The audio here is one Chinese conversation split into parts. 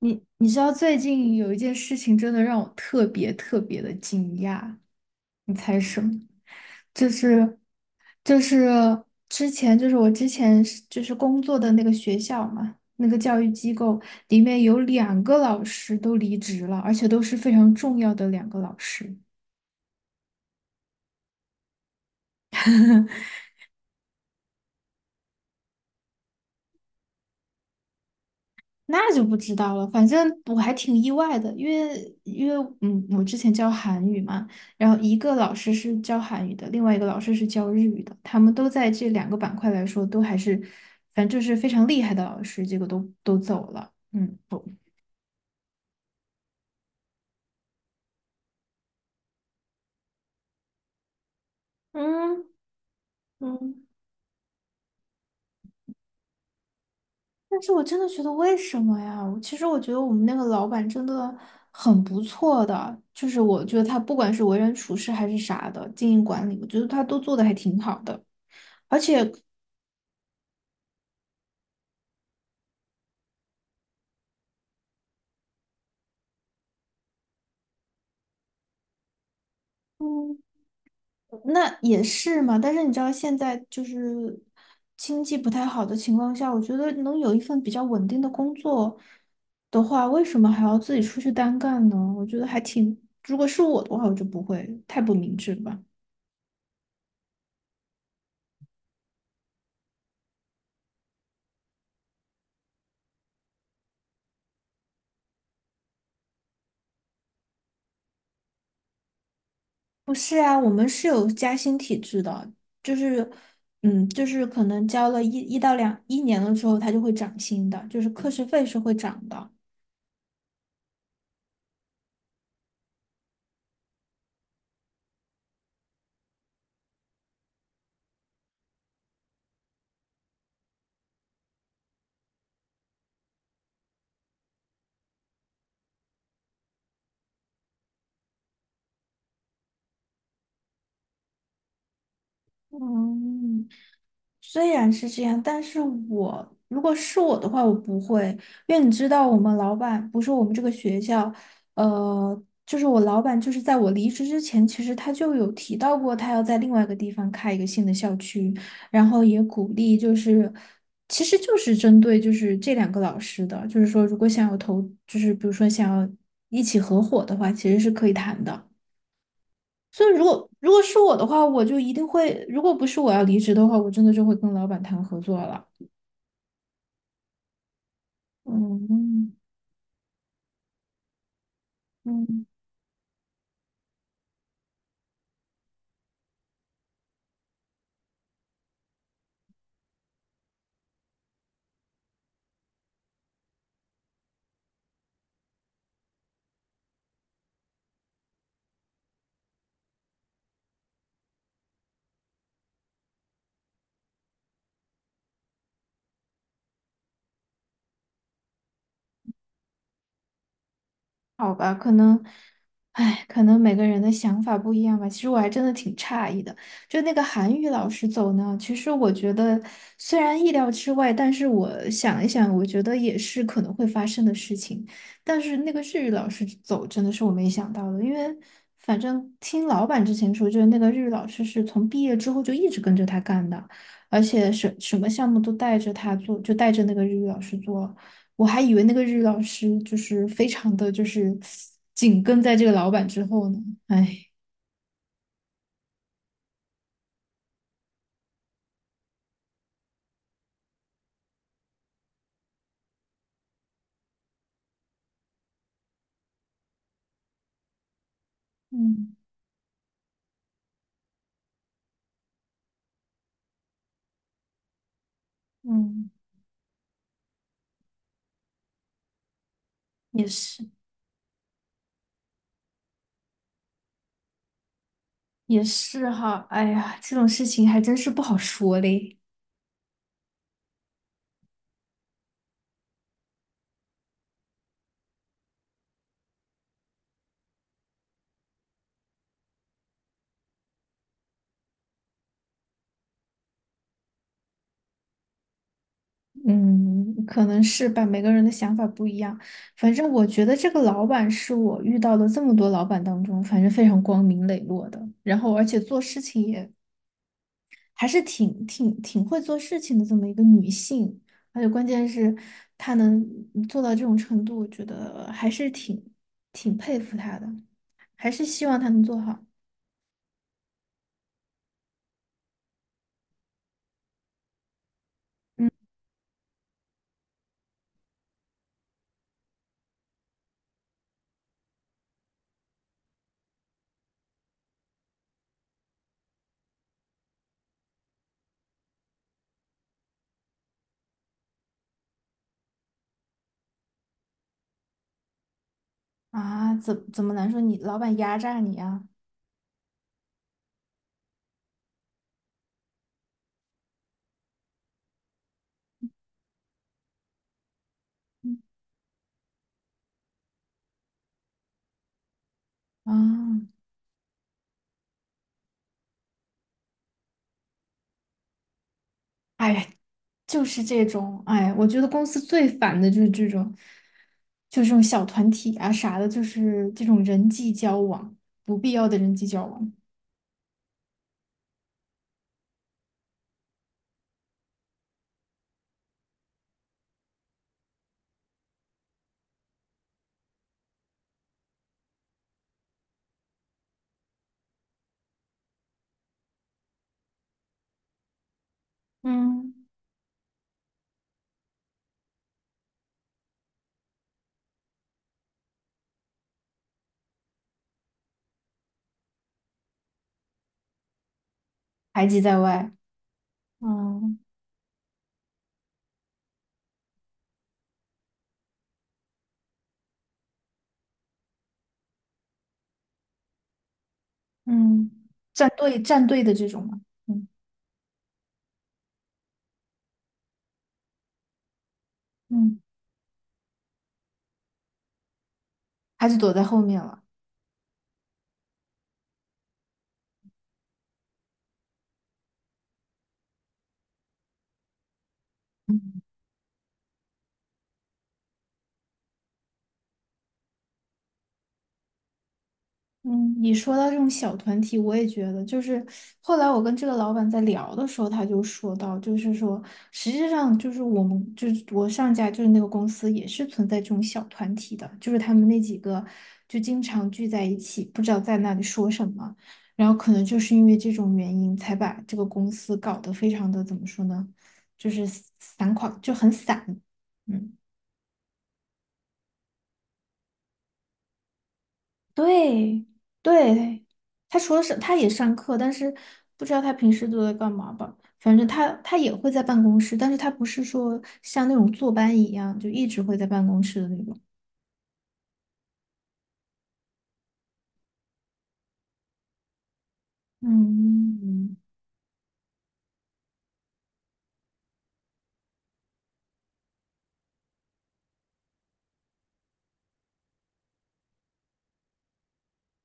你知道最近有一件事情真的让我特别特别的惊讶，你猜什么？就是就是之前就是我之前是就是工作的那个学校嘛，那个教育机构里面有两个老师都离职了，而且都是非常重要的两个老师。那就不知道了，反正我还挺意外的，因为我之前教韩语嘛，然后一个老师是教韩语的，另外一个老师是教日语的，他们都在这两个板块来说都还是，反正就是非常厉害的老师，结果都走了，嗯。不嗯嗯，但是我真的觉得为什么呀？我其实我觉得我们那个老板真的很不错的，就是我觉得他不管是为人处事还是啥的，经营管理，我觉得他都做的还挺好的，而且。嗯。那也是嘛，但是你知道现在就是经济不太好的情况下，我觉得能有一份比较稳定的工作的话，为什么还要自己出去单干呢？我觉得还挺，如果是我的话，我就不会，太不明智了吧。不是啊，我们是有加薪体制的，就是，嗯，就是可能交了一到两一年的时候，它就会涨薪的，就是课时费是会涨的。嗯，虽然是这样，但是如果是我的话，我不会，因为你知道，我们老板不是我们这个学校，就是我老板，就是在我离职之前，其实他就有提到过，他要在另外一个地方开一个新的校区，然后也鼓励，就是其实就是针对就是这两个老师的，就是说如果想要投，就是比如说想要一起合伙的话，其实是可以谈的。所以如果是我的话，我就一定会，如果不是我要离职的话，我真的就会跟老板谈合作了。嗯嗯。好吧，可能，哎，可能每个人的想法不一样吧。其实我还真的挺诧异的，就那个韩语老师走呢，其实我觉得虽然意料之外，但是我想一想，我觉得也是可能会发生的事情。但是那个日语老师走真的是我没想到的，因为反正听老板之前说，就是那个日语老师是从毕业之后就一直跟着他干的，而且什么项目都带着他做，就带着那个日语老师做。我还以为那个日语老师就是非常的就是紧跟在这个老板之后呢，哎，嗯嗯，也是也是哈，哎呀，这种事情还真是不好说嘞。嗯，可能是吧，每个人的想法不一样。反正我觉得这个老板是我遇到的这么多老板当中，反正非常光明磊落的，然后而且做事情也还是挺会做事情的这么一个女性，而且关键是她能做到这种程度，我觉得还是挺佩服她的，还是希望她能做好。嗯啊，怎么难说你老板压榨你啊？啊，哎呀，就是这种，哎，我觉得公司最烦的就是这种，就是这种小团体啊啥的，就是这种人际交往，不必要的人际交往，嗯，排挤在外，嗯。嗯，站队的这种嘛，嗯嗯，还是躲在后面了。嗯嗯，你说到这种小团体，我也觉得，就是后来我跟这个老板在聊的时候，他就说到，就是说，实际上就是我们就是我上家就是那个公司也是存在这种小团体的，就是他们那几个就经常聚在一起，不知道在那里说什么，然后可能就是因为这种原因，才把这个公司搞得非常的怎么说呢，就是散垮，就很散。嗯。对对，他除了上，他也上课，但是不知道他平时都在干嘛吧。反正他也会在办公室，但是他不是说像那种坐班一样，就一直会在办公室的那种。嗯，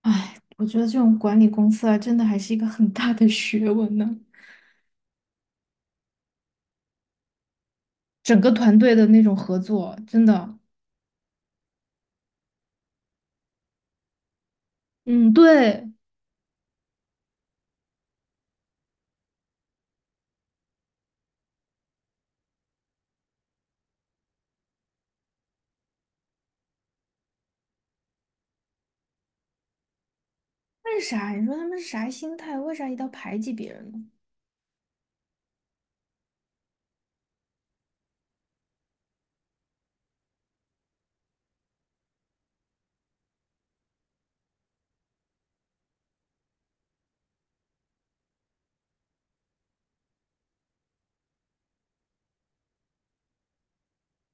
哎，我觉得这种管理公司啊，真的还是一个很大的学问呢。整个团队的那种合作，真的，嗯，对。为啥？你说他们是啥心态？为啥一定要排挤别人呢？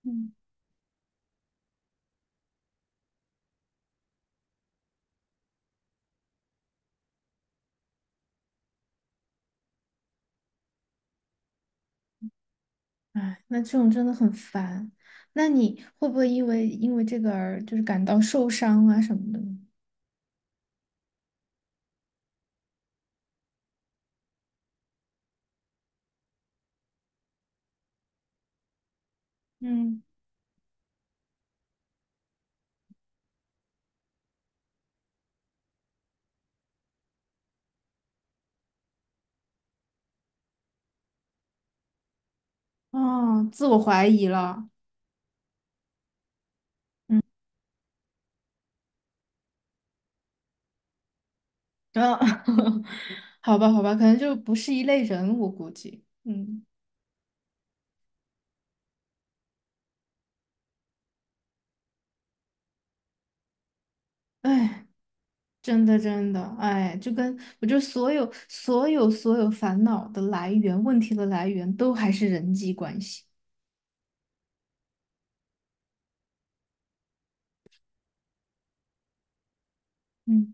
嗯。哎，那这种真的很烦。那你会不会因为这个而就是感到受伤啊什么的呢嗯，哦，自我怀疑了。啊，好吧，好吧，可能就不是一类人，我估计。嗯，哎，真的，真的，哎，就跟我觉得所有、所有、所有烦恼的来源、问题的来源，都还是人际关系。嗯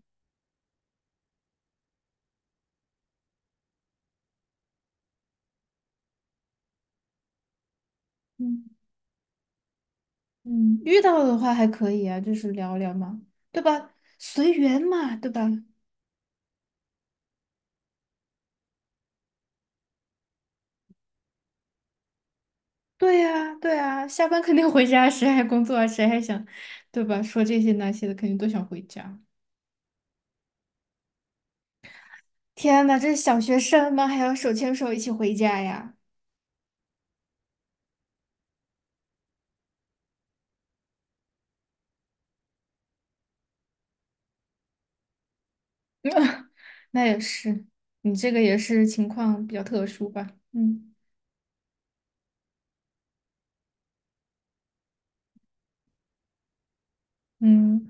嗯嗯，遇到的话还可以啊，就是聊聊嘛，对吧？随缘嘛，对吧？对呀，对呀，下班肯定回家，谁还工作啊？谁还想，对吧？说这些那些的，肯定都想回家。天呐，这是小学生吗？还要手牵手一起回家呀？那也是，你这个也是情况比较特殊吧？嗯。嗯，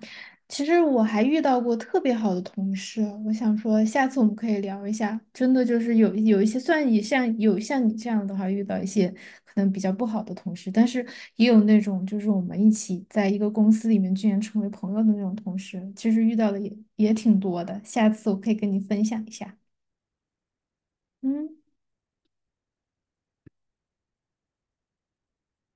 其实我还遇到过特别好的同事，我想说下次我们可以聊一下。真的就是有一些，算然也像有像你这样的话，遇到一些可能比较不好的同事，但是也有那种就是我们一起在一个公司里面居然成为朋友的那种同事，其实遇到的也挺多的。下次我可以跟你分享一下。嗯。